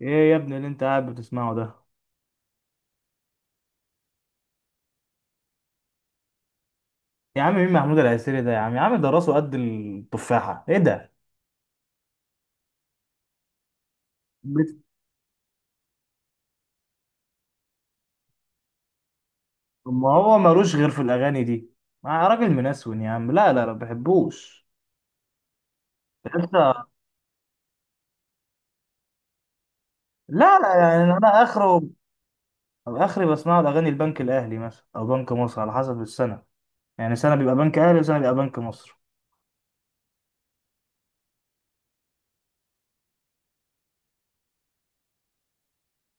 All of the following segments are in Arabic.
ايه يا ابني اللي انت قاعد بتسمعه ده؟ يا عم مين محمود العسيري ده؟ يا عم يا عم ده راسه قد التفاحة، ايه ده؟ بت- ما هو ملوش غير في الاغاني دي. ما راجل منسون يا عم، لا لا لا ما بحبوش. انت، لا لا يعني انا اخره. اخري بسمعه الاغاني البنك الاهلي مثلا او بنك مصر على حسب السنة، يعني سنة بيبقى بنك اهلي وسنة بيبقى بنك مصر.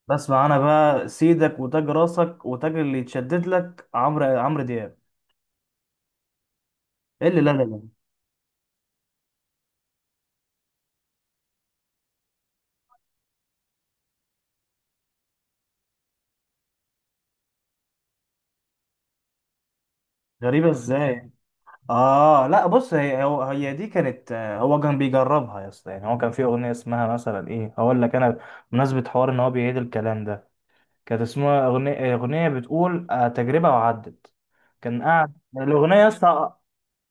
بسمع انا بقى سيدك وتاج راسك وتاج اللي يتشدد لك عمرو، دياب. ايه اللي لا لا لا؟ غريبة ازاي؟ اه لا بص، هي هو هي دي كانت، هو كان بيجربها يا اسطى، يعني هو كان في اغنيه اسمها مثلا ايه، هقول لك انا، بمناسبه حوار ان هو بيعيد الكلام ده. كانت اسمها اغنيه، بتقول تجربه وعدت. كان قاعد الاغنيه يا اسطى.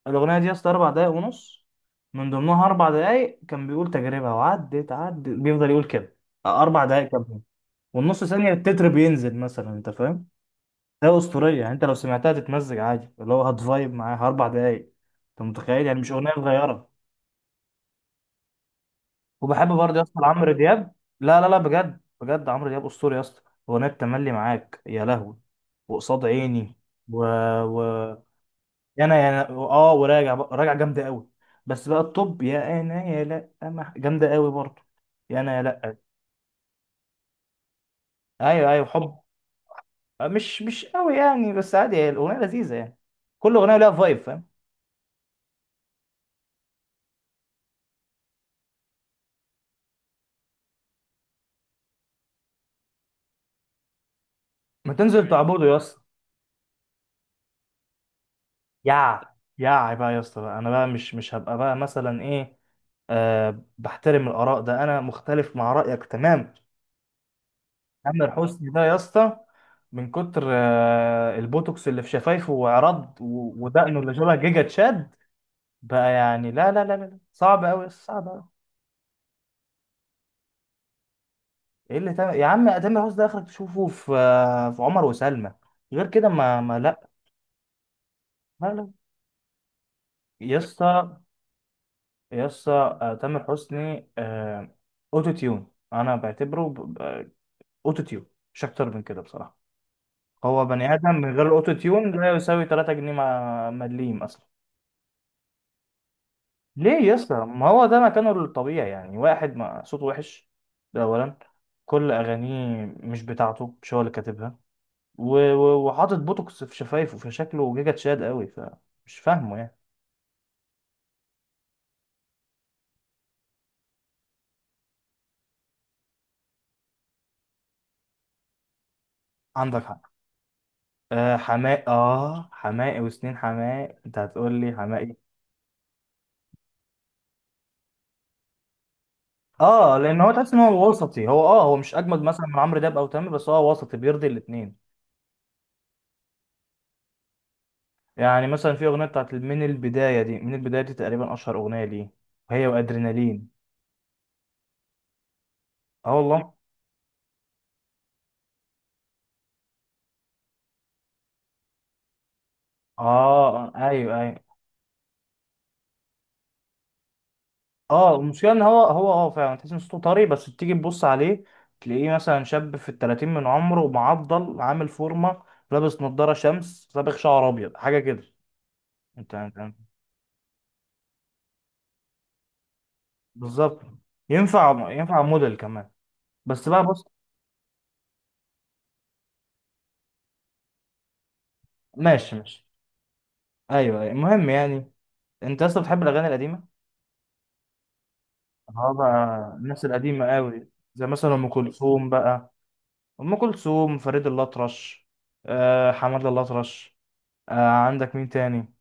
الاغنيه دي يا اسطى اربع دقايق ونص، من ضمنها اربع دقايق كان بيقول تجربه وعدت عدت، بيفضل يقول كده. اربع دقايق كاملين والنص ثانيه التتر بينزل مثلا، انت فاهم؟ ده اسطوريه يعني، انت لو سمعتها تتمزج عادي، اللي هو هتفايب معاها اربع دقايق. انت متخيل؟ يعني مش اغنيه صغيره. وبحب برضه يا اسطى عمرو دياب. لا لا لا، بجد بجد عمرو دياب اسطوري يا اسطى. اغنيه تملي معاك، يا لهوي، وقصاد عيني، و، و، انا يا أنا- اه وراجع راجع جامده قوي. بس بقى الطب، يا انا يا لا أنا- جامده قوي برضه. يا انا يا لا. ايوه ايوه حب. مش مش قوي يعني، بس عادي، هي الاغنيه لذيذه يعني. كل اغنيه لها فايب، فاهم؟ ما تنزل تعبده يا اسطى. يع يع بقى يا اسطى بقى. انا بقى مش مش هبقى بقى مثلا ايه. أه بحترم الاراء، ده انا مختلف مع رايك تمام. عامر حسني ده يا اسطى، من كتر البوتوكس اللي في شفايفه وعرض ودقنه اللي شبه جيجا تشاد بقى، يعني لا لا لا لا لا. صعب قوي، صعب قوي. ايه اللي تعمل يا عم؟ تامر حسني ده اخرك تشوفه في في عمر وسلمى، غير كده ما ما لا. لا لا يا اسطى، يا اسطى تامر حسني، اوتو تيون انا بعتبره، اوتو تيون، مش اكتر من كده بصراحه. هو بني ادم من غير الاوتو تيون لا يساوي 3 جنيه مع مليم اصلا. ليه يا اسطى؟ ما هو ده مكانه الطبيعي يعني، واحد ما صوته وحش، ده اولا. كل اغانيه مش بتاعته، مش هو اللي كاتبها، وحاطط بوتوكس في شفايفه، فشكله جيجا تشاد قوي، فمش فاهمه يعني. عندك حق. آه حماقي، اه حماقي وسنين حماقي، انت هتقول لي حماقي؟ اه لان هو تحس ان هو وسطي، هو اه هو مش اجمد مثلا من عمرو دياب او تامر، بس هو وسطي بيرضي الاثنين. يعني مثلا في اغنيه بتاعت من البدايه دي، تقريبا اشهر اغنيه ليه، وهي وادرينالين. اه والله. اه ايوه ايوه. اه المشكله ان هو هو اه فعلا تحس ان صوته طري، بس تيجي تبص عليه تلاقيه مثلا شاب في التلاتين من عمره، معضل، عامل فورمه، لابس نضاره شمس، صابغ شعر ابيض حاجه كده. انت بالظبط ينفع، ينفع موديل كمان. بس بقى بص. ماشي ماشي. ايوه أيوة. المهم يعني، انت اصلا بتحب الاغاني القديمه. اه بقى الناس القديمة قوي، زي مثلا أم كلثوم بقى. أم كلثوم، فريد الأطرش، آه حماد الأطرش، آه عندك مين تاني؟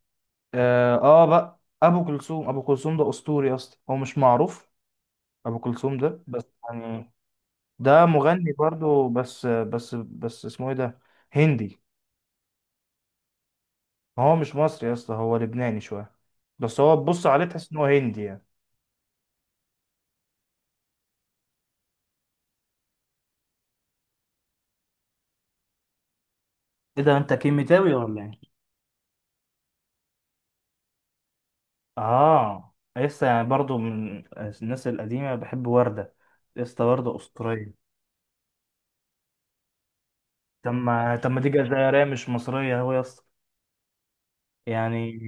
آه بقى أبو كلثوم. أبو كلثوم ده أسطوري أصلا، هو مش معروف أبو كلثوم ده، بس يعني ده مغني برضو، بس اسمه إيه ده؟ هندي. هو مش مصري يا اسطى، هو لبناني شوية، بس هو تبص عليه تحس إن هو هندي يعني. ايه ده، انت كيميتاوي ولا ايه؟ اه لسه يعني برضو من الناس القديمة بحب وردة، لسه وردة أسطورية. طب ما دي جزائرية مش مصرية هو يا اسطى، يعني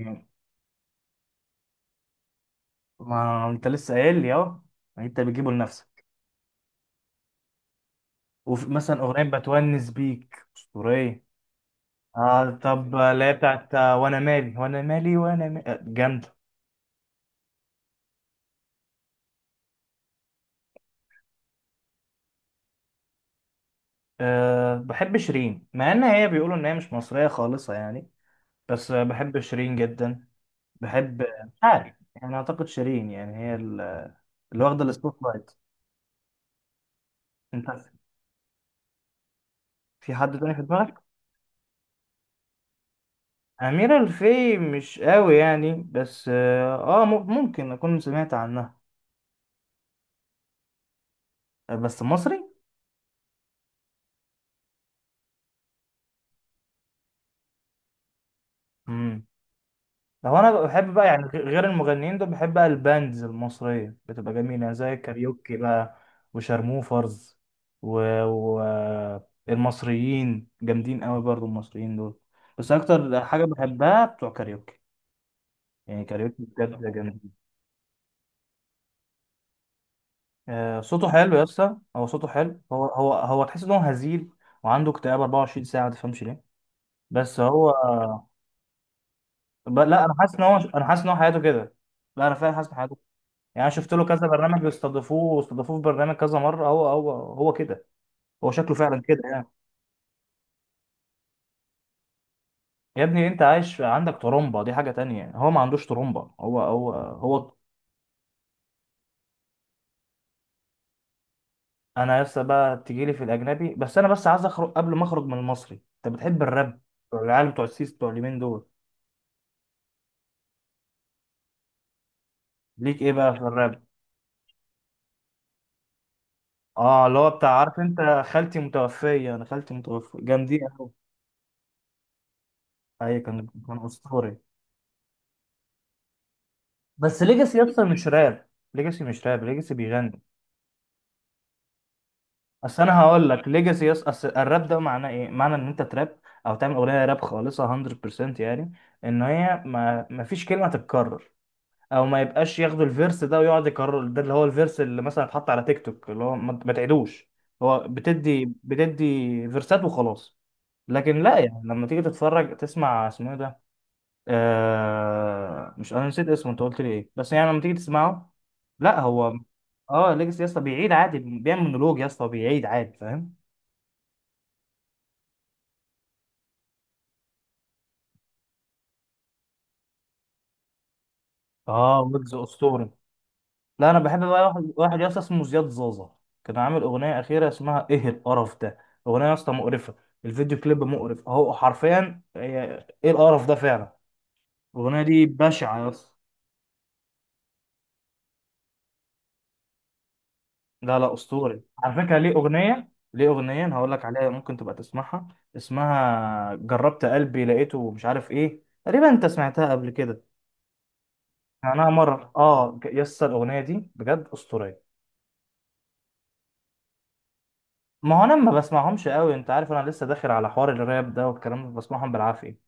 ما انت لسه قايل لي اهو، يعني انت بتجيبه لنفسك. ومثلا أغنية بتونس بيك أسطورية. اه طب اللي هي بتاعت وانا مالي، جامدة. أه بحب شيرين، مع ان هي بيقولوا ان هي مش مصرية خالصة يعني، بس بحب شيرين جدا. بحب، مش عارف يعني، اعتقد شيرين يعني هي اللي واخده السبوت لايت. انت، في حد تاني في دماغك؟ أميرة الفي مش قوي يعني، بس آه آه، ممكن أكون سمعت عنها. آه، بس مصري؟ مم. لو أنا بحب بقى يعني غير المغنيين دول، بحب بقى الباندز المصرية بتبقى جميلة، زي كاريوكي بقى، وشارموفرز، و، و المصريين جامدين قوي برضو المصريين دول. بس أكتر حاجة بحبها بتوع كاريوكي، يعني كاريوكي بجد جامدين. صوته حلو يا اسطى، هو صوته حلو، هو هو هو تحس ان هو هزيل، وعنده اكتئاب 24 ساعه ما تفهمش ليه. بس هو لا انا حاسس ان هو، انا حاسس ان هو حياته كده. لا انا فعلا حاسس ان حياته، يعني انا شفت له كذا برنامج بيستضيفوه، واستضافوه في برنامج كذا مره، هو هو هو كده، هو شكله فعلا كده يعني. يا ابني انت عايش عندك ترومبا، دي حاجه تانية، هو ما عندوش ترومبا، هو هو هو. انا لسه بقى تجيلي في الاجنبي، بس انا بس عايز اخرج قبل ما اخرج من المصري. انت بتحب الراب، العيال بتوع السيس بتوع اليمين دول؟ ليك ايه بقى في الراب؟ اه اللي هو بتاع، عارف انت خالتي متوفية؟ انا خالتي متوفية؟ جامدين قوي. ايوه كان كان اسطوري. بس ليجاسي يا اسطى مش راب، ليجاسي مش راب، ليجاسي بيغني. اصل انا هقول لك ليجاسي يا اسطى، أصل الراب ده معناه ايه؟ معنى ان انت تراب او تعمل اغنيه راب خالصه 100%، يعني ان هي ما فيش كلمه تتكرر، او ما يبقاش ياخدوا الفيرس ده ويقعد يكرر، ده اللي هو الفيرس اللي مثلا اتحط على تيك توك، اللي هو ما تعيدوش. هو بتدي فيرسات وخلاص. لكن لا يعني، لما تيجي تتفرج تسمع اسمه إيه ده، آه مش انا نسيت اسمه، انت قلت لي ايه؟ بس يعني لما تيجي تسمعه، لا هو، اه ليجاسي يا اسطى بيعيد عادي، بيعمل مونولوج يا اسطى، بيعيد عادي فاهم. اه ويجز اسطوري. لا انا بحب بقى واحد واحد يا اسطى اسمه زياد زازا. كان عامل اغنيه اخيره اسمها ايه القرف ده، اغنيه يا اسطى مقرفه، الفيديو كليب مقرف، اهو حرفيا ايه القرف ده فعلا، الاغنيه دي بشعه يا اسطى. لا لا اسطوري على فكره، ليه اغنيه، أنا هقول لك عليها ممكن تبقى تسمعها، اسمها جربت قلبي لقيته مش عارف ايه تقريبا، انت سمعتها قبل كده؟ يعني. انا مره اه يس الاغنيه دي بجد اسطوريه. ما هو انا ما بسمعهمش قوي، انت عارف انا لسه داخل على حوار الراب ده والكلام ده، بسمعهم بالعافيه.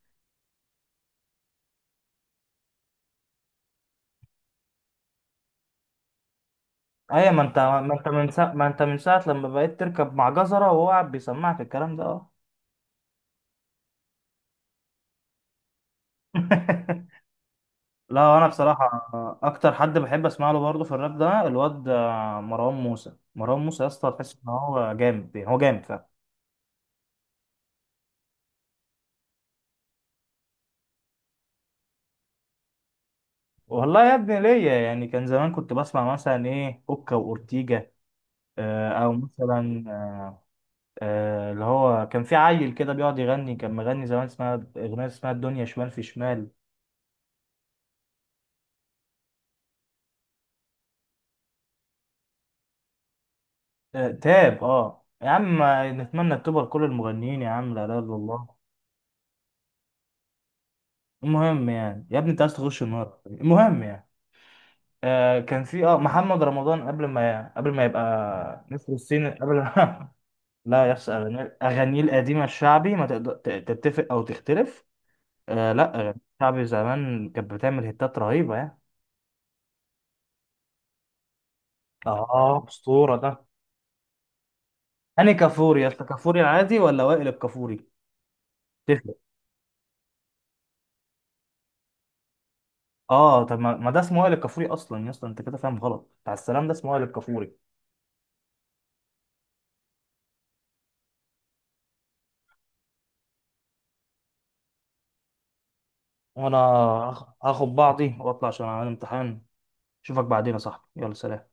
ايوه ما انت، ما انت من ساعه لما بقيت تركب مع جزره وهو قاعد بيسمعك الكلام ده اه. لا انا بصراحه اكتر حد بحب اسمع له برضه في الراب ده الواد مروان موسى، يا اسطى تحس ان هو جامد يعني، هو جامد فعلا. والله يا ابني ليا يعني، كان زمان كنت بسمع مثلا ايه اوكا واورتيجا، او مثلا اللي هو كان في عيل كده بيقعد يغني، كان مغني زمان اسمها اغنيه، اسمها الدنيا شمال في شمال. تاب اه يا عم. نتمنى التوبه لكل المغنيين يا عم، لا اله الا الله. المهم يعني يا ابني انت عايز تخش النار. المهم يعني، آه كان في اه محمد رمضان قبل ما، يبقى نسر الصين قبل ما. لا يس اغانيه، اغانيه القديمه الشعبي ما تقدر تتفق او تختلف. آه لا اغاني الشعبي زمان كانت بتعمل هيتات رهيبه يعني. اه اسطوره ده. انهي كفوري يا اسطى؟ كفوري العادي ولا وائل الكفوري؟ تفرق. اه طب ما ما ده اسمه وائل الكفوري اصلا يا اسطى، انت كده فاهم غلط، بتاع السلام ده اسمه وائل الكفوري. وانا هاخد بعضي واطلع عشان اعمل امتحان. اشوفك بعدين يا صاحبي، يلا سلام.